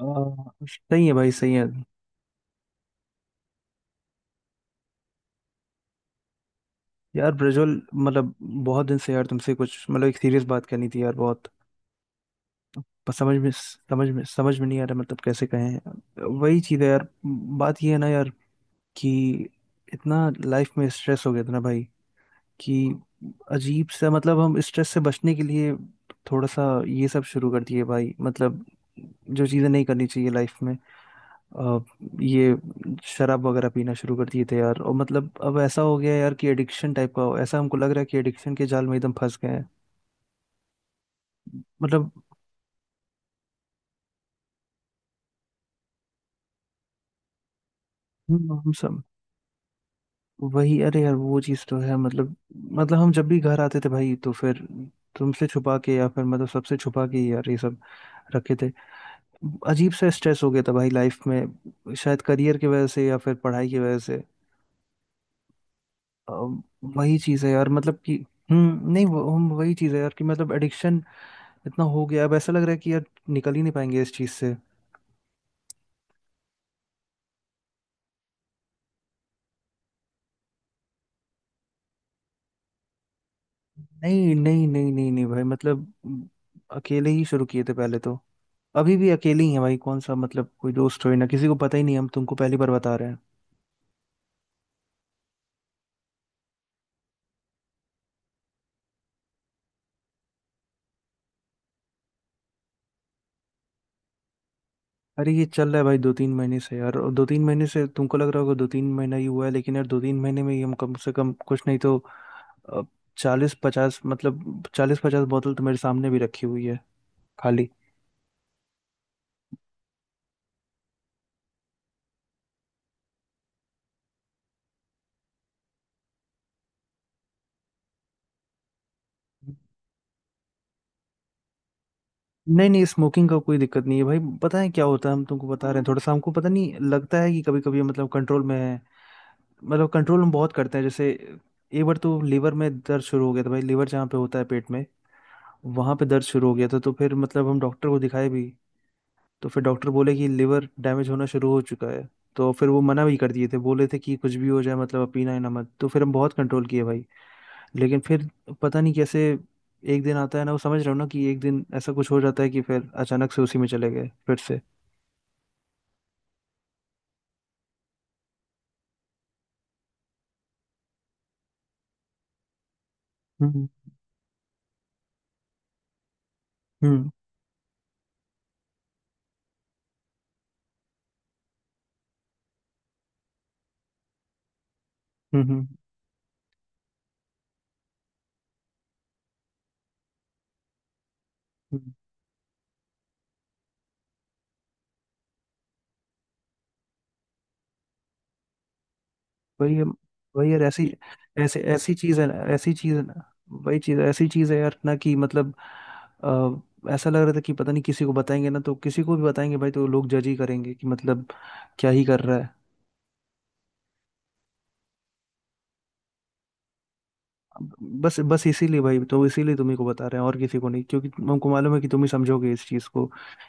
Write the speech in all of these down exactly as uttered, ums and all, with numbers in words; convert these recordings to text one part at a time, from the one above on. आ, सही है भाई सही है। यार ब्रजोल मतलब बहुत दिन से यार तुमसे कुछ मतलब एक सीरियस बात करनी थी यार बहुत। पर समझ में समझ में समझ में नहीं आ रहा मतलब कैसे कहें वही चीज़ है यार। बात ये है ना यार कि इतना लाइफ में स्ट्रेस हो गया था ना भाई कि अजीब सा मतलब हम स्ट्रेस से बचने के लिए थोड़ा सा ये सब शुरू कर दिए भाई मतलब जो चीज़ें नहीं करनी चाहिए लाइफ में। अ, ये शराब वगैरह पीना शुरू कर दिए थे यार और मतलब अब ऐसा हो गया है यार कि एडिक्शन टाइप का हो ऐसा हमको लग रहा है कि एडिक्शन के जाल में एकदम फंस गए हैं मतलब। हम्म, हम सब वही अरे यार वो चीज़ तो है मतलब मतलब हम जब भी घर आते थे भाई तो फिर तुमसे छुपा के या फिर मतलब सबसे छुपा के ही यार ये सब रखे थे। अजीब सा स्ट्रेस हो गया था भाई लाइफ में शायद करियर की वजह से या फिर पढ़ाई की वजह से। अ, वही चीज़ है यार मतलब कि हम्म नहीं वो हम वही चीज़ है यार कि मतलब एडिक्शन इतना हो गया अब ऐसा लग रहा है कि यार निकल ही नहीं पाएंगे इस चीज से। नहीं नहीं नहीं नहीं नहीं भाई मतलब म, अकेले ही शुरू किए थे पहले तो। अभी भी अकेले ही हैं भाई कौन सा मतलब कोई दोस्त हो ना किसी को पता ही नहीं हम तुमको पहली बार बता रहे हैं। अरे ये चल रहा है भाई दो तीन महीने से यार और दो तीन महीने से तुमको लग रहा होगा दो तीन महीना ही हुआ है लेकिन यार दो तीन महीने में ही हम कम से कम कुछ नहीं तो चालीस पचास मतलब चालीस पचास बोतल तो मेरे सामने भी रखी हुई है खाली। नहीं नहीं स्मोकिंग का कोई दिक्कत नहीं है भाई पता है क्या होता है हम तुमको बता रहे हैं थोड़ा सा हमको पता नहीं लगता है कि कभी कभी मतलब कंट्रोल में है। मतलब कंट्रोल हम बहुत करते हैं जैसे एक बार तो लीवर में दर्द शुरू हो गया था भाई लीवर जहाँ पे होता है पेट में वहाँ पे दर्द शुरू हो गया था तो फिर मतलब हम डॉक्टर को दिखाए भी। तो फिर डॉक्टर बोले कि लीवर डैमेज होना शुरू हो चुका है। तो फिर वो मना भी कर दिए थे बोले थे कि कुछ भी हो जाए मतलब अब पीना ही ना मत तो फिर हम बहुत कंट्रोल किए भाई। लेकिन फिर पता नहीं कैसे एक दिन आता है ना वो समझ रहे हो ना कि एक दिन ऐसा कुछ हो जाता है कि फिर अचानक से उसी में चले गए फिर से। हम्म। हम्म। हम्म। हम्म, हम्म। वही है। वही यार ऐसी ऐसे ऐसी चीज है ना। ऐसी चीज है ना वही चीज ऐसी चीज है यार ना कि मतलब अ, ऐसा लग रहा था कि पता नहीं किसी को बताएंगे ना तो किसी को भी बताएंगे भाई तो लोग जज ही करेंगे कि मतलब क्या ही कर रहा है। बस बस इसीलिए भाई तो इसीलिए तुम्ही को बता रहे हैं और किसी को नहीं क्योंकि तुम- हमको मालूम है कि तुम ही समझोगे इस चीज को।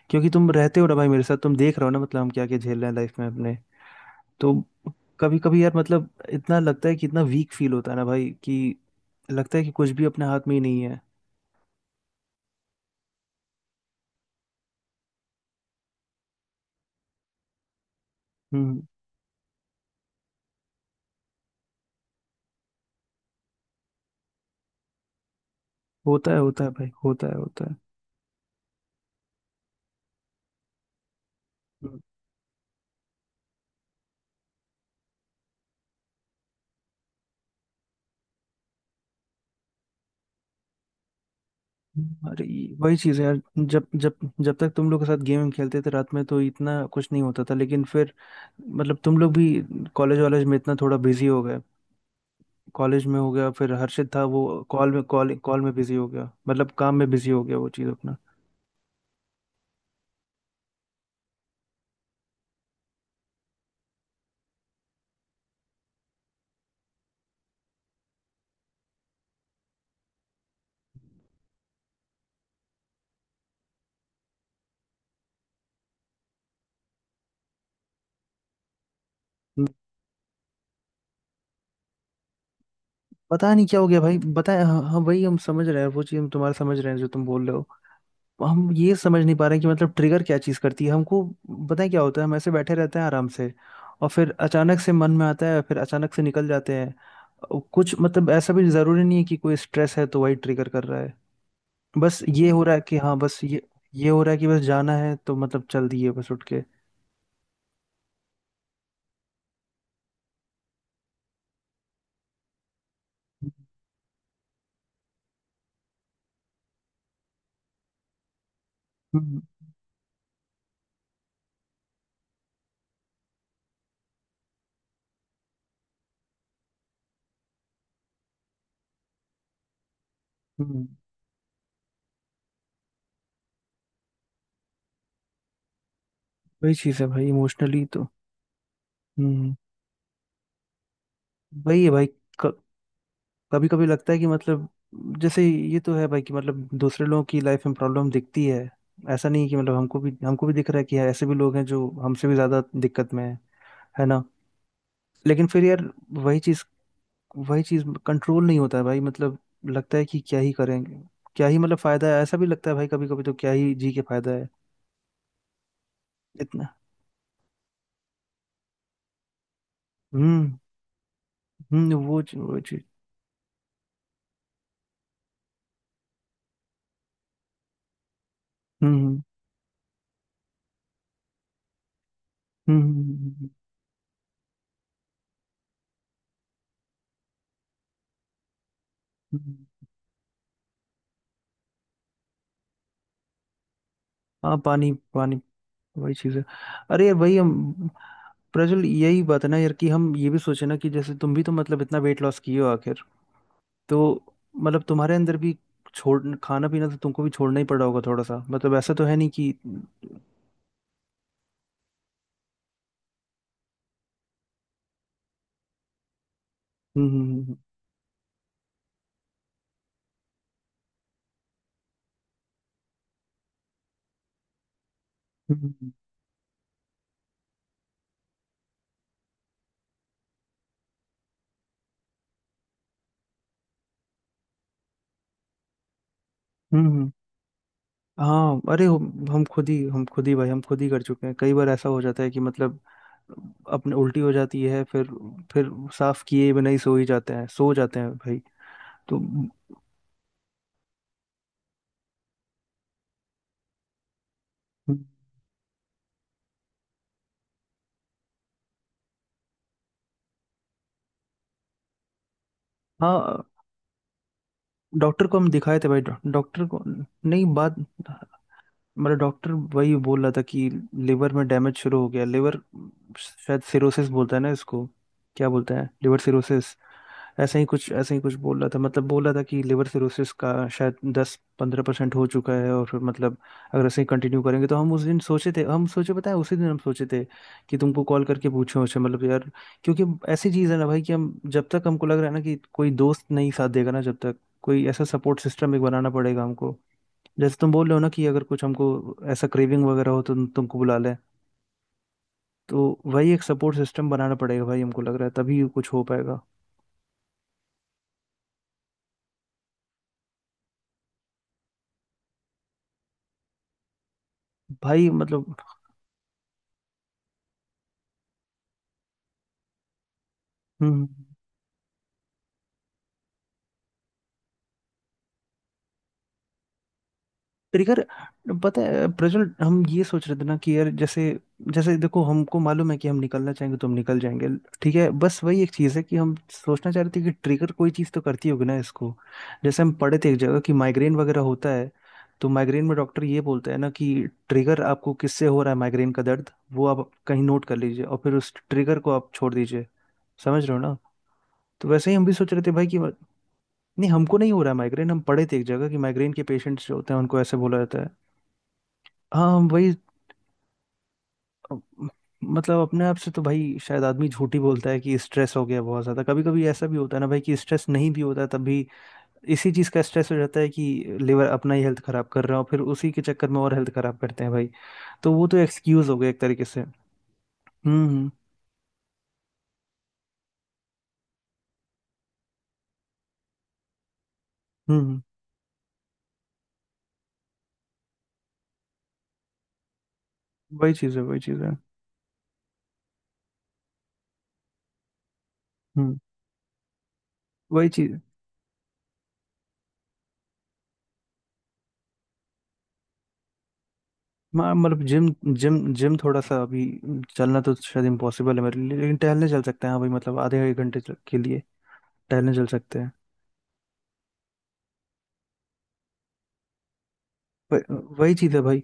क्योंकि तुम रहते हो ना भाई मेरे साथ तुम देख रहे हो ना मतलब हम क्या क्या झेल रहे हैं लाइफ में अपने। तो कभी कभी यार मतलब इतना लगता है कि इतना वीक फील होता है ना भाई कि लगता है कि कुछ भी अपने हाथ में ही नहीं है। हम्म। होता है होता है भाई होता है होता है। हम्म, अरे ये- वही चीज़ है यार जब जब जब तक तुम लोग के साथ गेम खेलते थे रात में तो इतना कुछ नहीं होता था लेकिन फिर मतलब तुम लोग भी कॉलेज वॉलेज में इतना थोड़ा बिजी हो गए कॉलेज में हो गया फिर हर्षित था वो कॉल में कॉल कॉल में बिजी हो गया मतलब काम में बिजी हो गया वो चीज़ अपना। हम्म, पता नहीं क्या हो गया भाई बताए। हाँ हाँ, वही हम समझ रहे हैं वो चीज़ हम तुम्हारा समझ रहे हैं जो तुम बोल रहे हो। हम ये समझ नहीं पा रहे हैं कि मतलब ट्रिगर क्या चीज़ करती है हमको बताए क्या होता है हम ऐसे बैठे रहते हैं आराम से और फिर अचानक से मन में आता है फिर अचानक से निकल जाते हैं। और कुछ मतलब ऐसा भी ज़रूरी नहीं है कि कोई स्ट्रेस है तो वही ट्रिगर कर रहा है बस ये हो रहा है कि हाँ बस ये ये हो रहा है कि बस जाना है तो मतलब चल दिए बस उठ के। हम्म। हम्म वही चीज है भाई इमोशनली तो। हम्म वही है भाई कभी कभी लगता है कि मतलब जैसे ये तो है भाई कि मतलब दूसरे लोगों की लाइफ में प्रॉब्लम दिखती है ऐसा नहीं कि मतलब हमको भी हमको भी दिख रहा है कि यार ऐसे भी लोग हैं जो हमसे भी ज्यादा दिक्कत में है है ना। लेकिन फिर यार वही चीज वही चीज कंट्रोल नहीं होता है भाई मतलब लगता है कि क्या ही करेंगे क्या ही मतलब फायदा है ऐसा भी लगता है भाई कभी कभी तो क्या ही जी के फायदा है। इतना। हम्म। हम्म वो चीज वो चीज। हम्म हम्म। हम्म, हम्म, हम्म, हम्म। हाँ पानी पानी वही चीज है। अरे यार वही हम प्रज्वल यही बात है ना यार कि हम ये भी सोचे ना कि जैसे तुम भी तो मतलब इतना वेट लॉस किए हो आखिर तो मतलब तुम्हारे अंदर भी छोड़ खाना पीना तो तुमको भी छोड़ना ही पड़ा होगा थोड़ा सा मतलब ऐसा तो है नहीं कि हम्म। हम्म। हम्म। हम्म, हम्म, हम्म, हम्म। हाँ अरे हम हम खुद ही हम खुद ही भाई हम खुद ही कर चुके हैं कई बार ऐसा हो जाता है कि मतलब अपने उल्टी हो जाती है फिर फिर साफ किए बिना ही सो ही जाते हैं सो जाते हैं भाई तो। हाँ डॉक्टर को हम दिखाए थे भाई डॉ- डॉक्टर को नहीं बात मेरा डॉक्टर वही बोल रहा था कि लिवर में डैमेज शुरू हो गया लिवर शायद सिरोसिस बोलता है ना इसको क्या बोलता है लिवर सिरोसिस ऐसा ही कुछ ऐसा ही कुछ बोल रहा था मतलब बोल रहा था कि लिवर सिरोसिस का शायद दस पंद्रह परसेंट हो चुका है और फिर मतलब अगर ऐसे ही कंटिन्यू करेंगे तो हम उस दिन सोचे थे हम सोचे पता है उसी दिन हम सोचे थे कि तुमको कॉल करके पूछे उसे मतलब यार क्योंकि ऐसी चीज़ है ना भाई कि हम जब तक हमको लग रहा है ना कि कोई दोस्त नहीं साथ देगा ना जब तक कोई ऐसा सपोर्ट सिस्टम एक बनाना पड़ेगा हमको जैसे तुम बोल रहे हो ना कि अगर कुछ हमको ऐसा क्रेविंग वगैरह हो तो तुम- तुमको बुला लें तो वही एक सपोर्ट सिस्टम बनाना पड़ेगा भाई हमको लग रहा है तभी कुछ हो पाएगा। भाई मतलब हम्म ट्रिगर पता है प्रज्वल हम ये सोच रहे थे ना कि यार जैसे जैसे देखो हमको मालूम है कि हम निकलना चाहेंगे तो हम निकल जाएंगे। ठीक है बस वही एक चीज़ है कि हम सोचना चाह रहे थे कि ट्रिगर कोई चीज़ तो करती होगी ना इसको जैसे हम पढ़े थे एक जगह कि माइग्रेन वगैरह होता है तो माइग्रेन में डॉक्टर ये बोलता है ना कि ट्रिगर आपको किससे हो रहा है माइग्रेन का दर्द वो आप कहीं नोट कर लीजिए और फिर उस ट्रिगर को आप छोड़ दीजिए समझ रहे हो ना। तो वैसे ही हम भी सोच रहे थे भाई कि नहीं हमको नहीं हो रहा है माइग्रेन हम पढ़े थे एक जगह कि माइग्रेन के पेशेंट्स जो होते हैं उनको ऐसे बोला जाता है। हाँ हम वही अब- मतलब अपने आप से तो भाई शायद आदमी झूठ ही बोलता है कि स्ट्रेस हो गया बहुत ज्यादा कभी कभी ऐसा भी होता है ना भाई कि स्ट्रेस नहीं भी होता है तब भी इसी चीज का स्ट्रेस हो जाता है कि लिवर अपना ही हेल्थ खराब कर रहा है और फिर उसी के चक्कर में और हेल्थ खराब करते हैं भाई तो वो तो एक्सक्यूज हो गया एक तरीके से। हम्म। हम्म। हम्म, हम्म। वही चीज है वही चीज है। हम्म वही चीज मा- मतलब जिम जिम जिम थोड़ा सा अभी चलना तो शायद इम्पॉसिबल है मेरे लिए लेकिन टहलने चल सकते हैं हाँ भाई मतलब आधे एक घंटे तक के लिए टहलने चल सकते हैं। व- वही चीज है भाई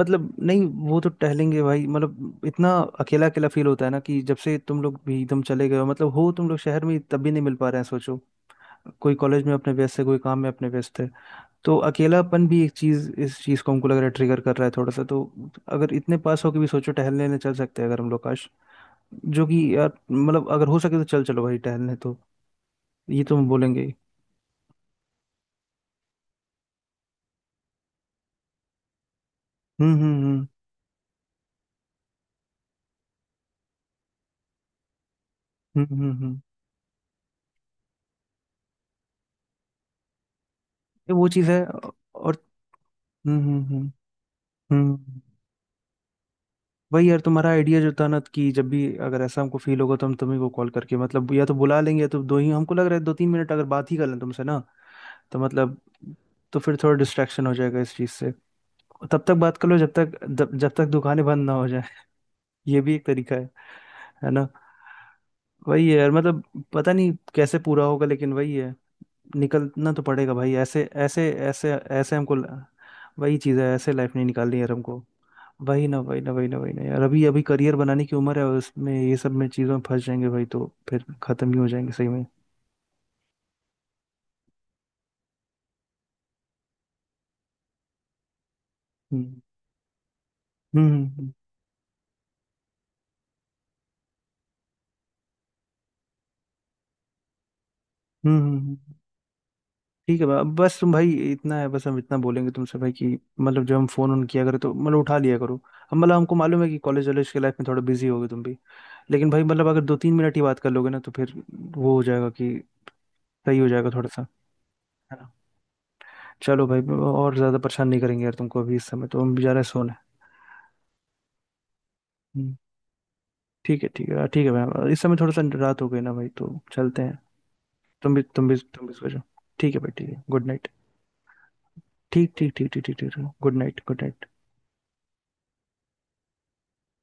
मतलब नहीं वो तो टहलेंगे भाई मतलब इतना अकेला अकेला फील होता है ना कि जब से तुम लोग भी एकदम चले गए हो मतलब हो तुम लोग शहर में तब भी नहीं मिल पा रहे हैं सोचो कोई कॉलेज में अपने व्यस्त है कोई काम में अपने व्यस्त है तो अकेलापन भी एक चीज इस चीज को हमको लग रहा है ट्रिगर कर रहा है थोड़ा सा तो अगर इतने पास हो के भी सोचो टहलने ले चल सकते हैं अगर हम लोग काश जो कि यार मतलब अगर हो सके तो चल चलो भाई टहलने तो ये तो हम बोलेंगे ही। हम्म। हम्म। हम्म। हम्म। हम्म। हम्म। ये वो चीज है और। हम्म। हम्म। हम्म। हम्म वही यार तुम्हारा आइडिया जो था ना कि जब भी अगर ऐसा हमको फील होगा तो हम तुम्ही को कॉल करके मतलब या तो बुला लेंगे या तो दो ही हमको लग रहा है दो तीन मिनट अगर बात ही कर लें तुमसे ना तो मतलब तो फिर थोड़ा डिस्ट्रैक्शन हो जाएगा इस चीज़ से। तब तक बात कर लो जब तक जब, जब तक दुकानें बंद ना हो जाए। ये भी एक तरीका है है ना। वही है यार मतलब पता नहीं कैसे पूरा होगा लेकिन वही है। निकलना तो पड़ेगा भाई ऐसे ऐसे ऐसे ऐसे हमको ल- वही चीज़ है ऐसे लाइफ नहीं निकालनी है यार हमको। वही ना वही ना वही ना वही ना यार अभी अभी करियर बनाने की उम्र है और उसमें ये सब में चीज़ों में फंस जाएंगे भाई तो फिर खत्म ही हो जाएंगे सही में। हम्म। हम्म। हम्म। हम्म, हम्म, हम्म। हम्म, ठीक है बा- बस तुम भाई इतना है बस हम इतना बोलेंगे तुमसे भाई कि मतलब जब हम फोन ऑन किया करें तो मतलब उठा लिया करो। हम मतलब हमको मालूम है कि कॉलेज वॉलेज के लाइफ में थोड़ा बिजी होगे तुम भी लेकिन भाई मतलब अगर दो तीन मिनट ही बात कर लोगे ना तो फिर वो हो जाएगा कि सही हो जाएगा थोड़ा सा। चलो भाई और ज्यादा परेशान नहीं करेंगे यार तुमको अभी इस समय तो हम भी जा रहे हैं सोने। हम्म, ठीक है ठीक है ठीक है भाई इस समय थोड़ा सा रात हो गई ना भाई तो चलते हैं। तुम भी तुम भी तुम भी सो जाओ। ठीक है भाई ठीक है गुड नाइट ठीक ठीक ठीक ठीक ठीक ठीक गुड नाइट गुड नाइट।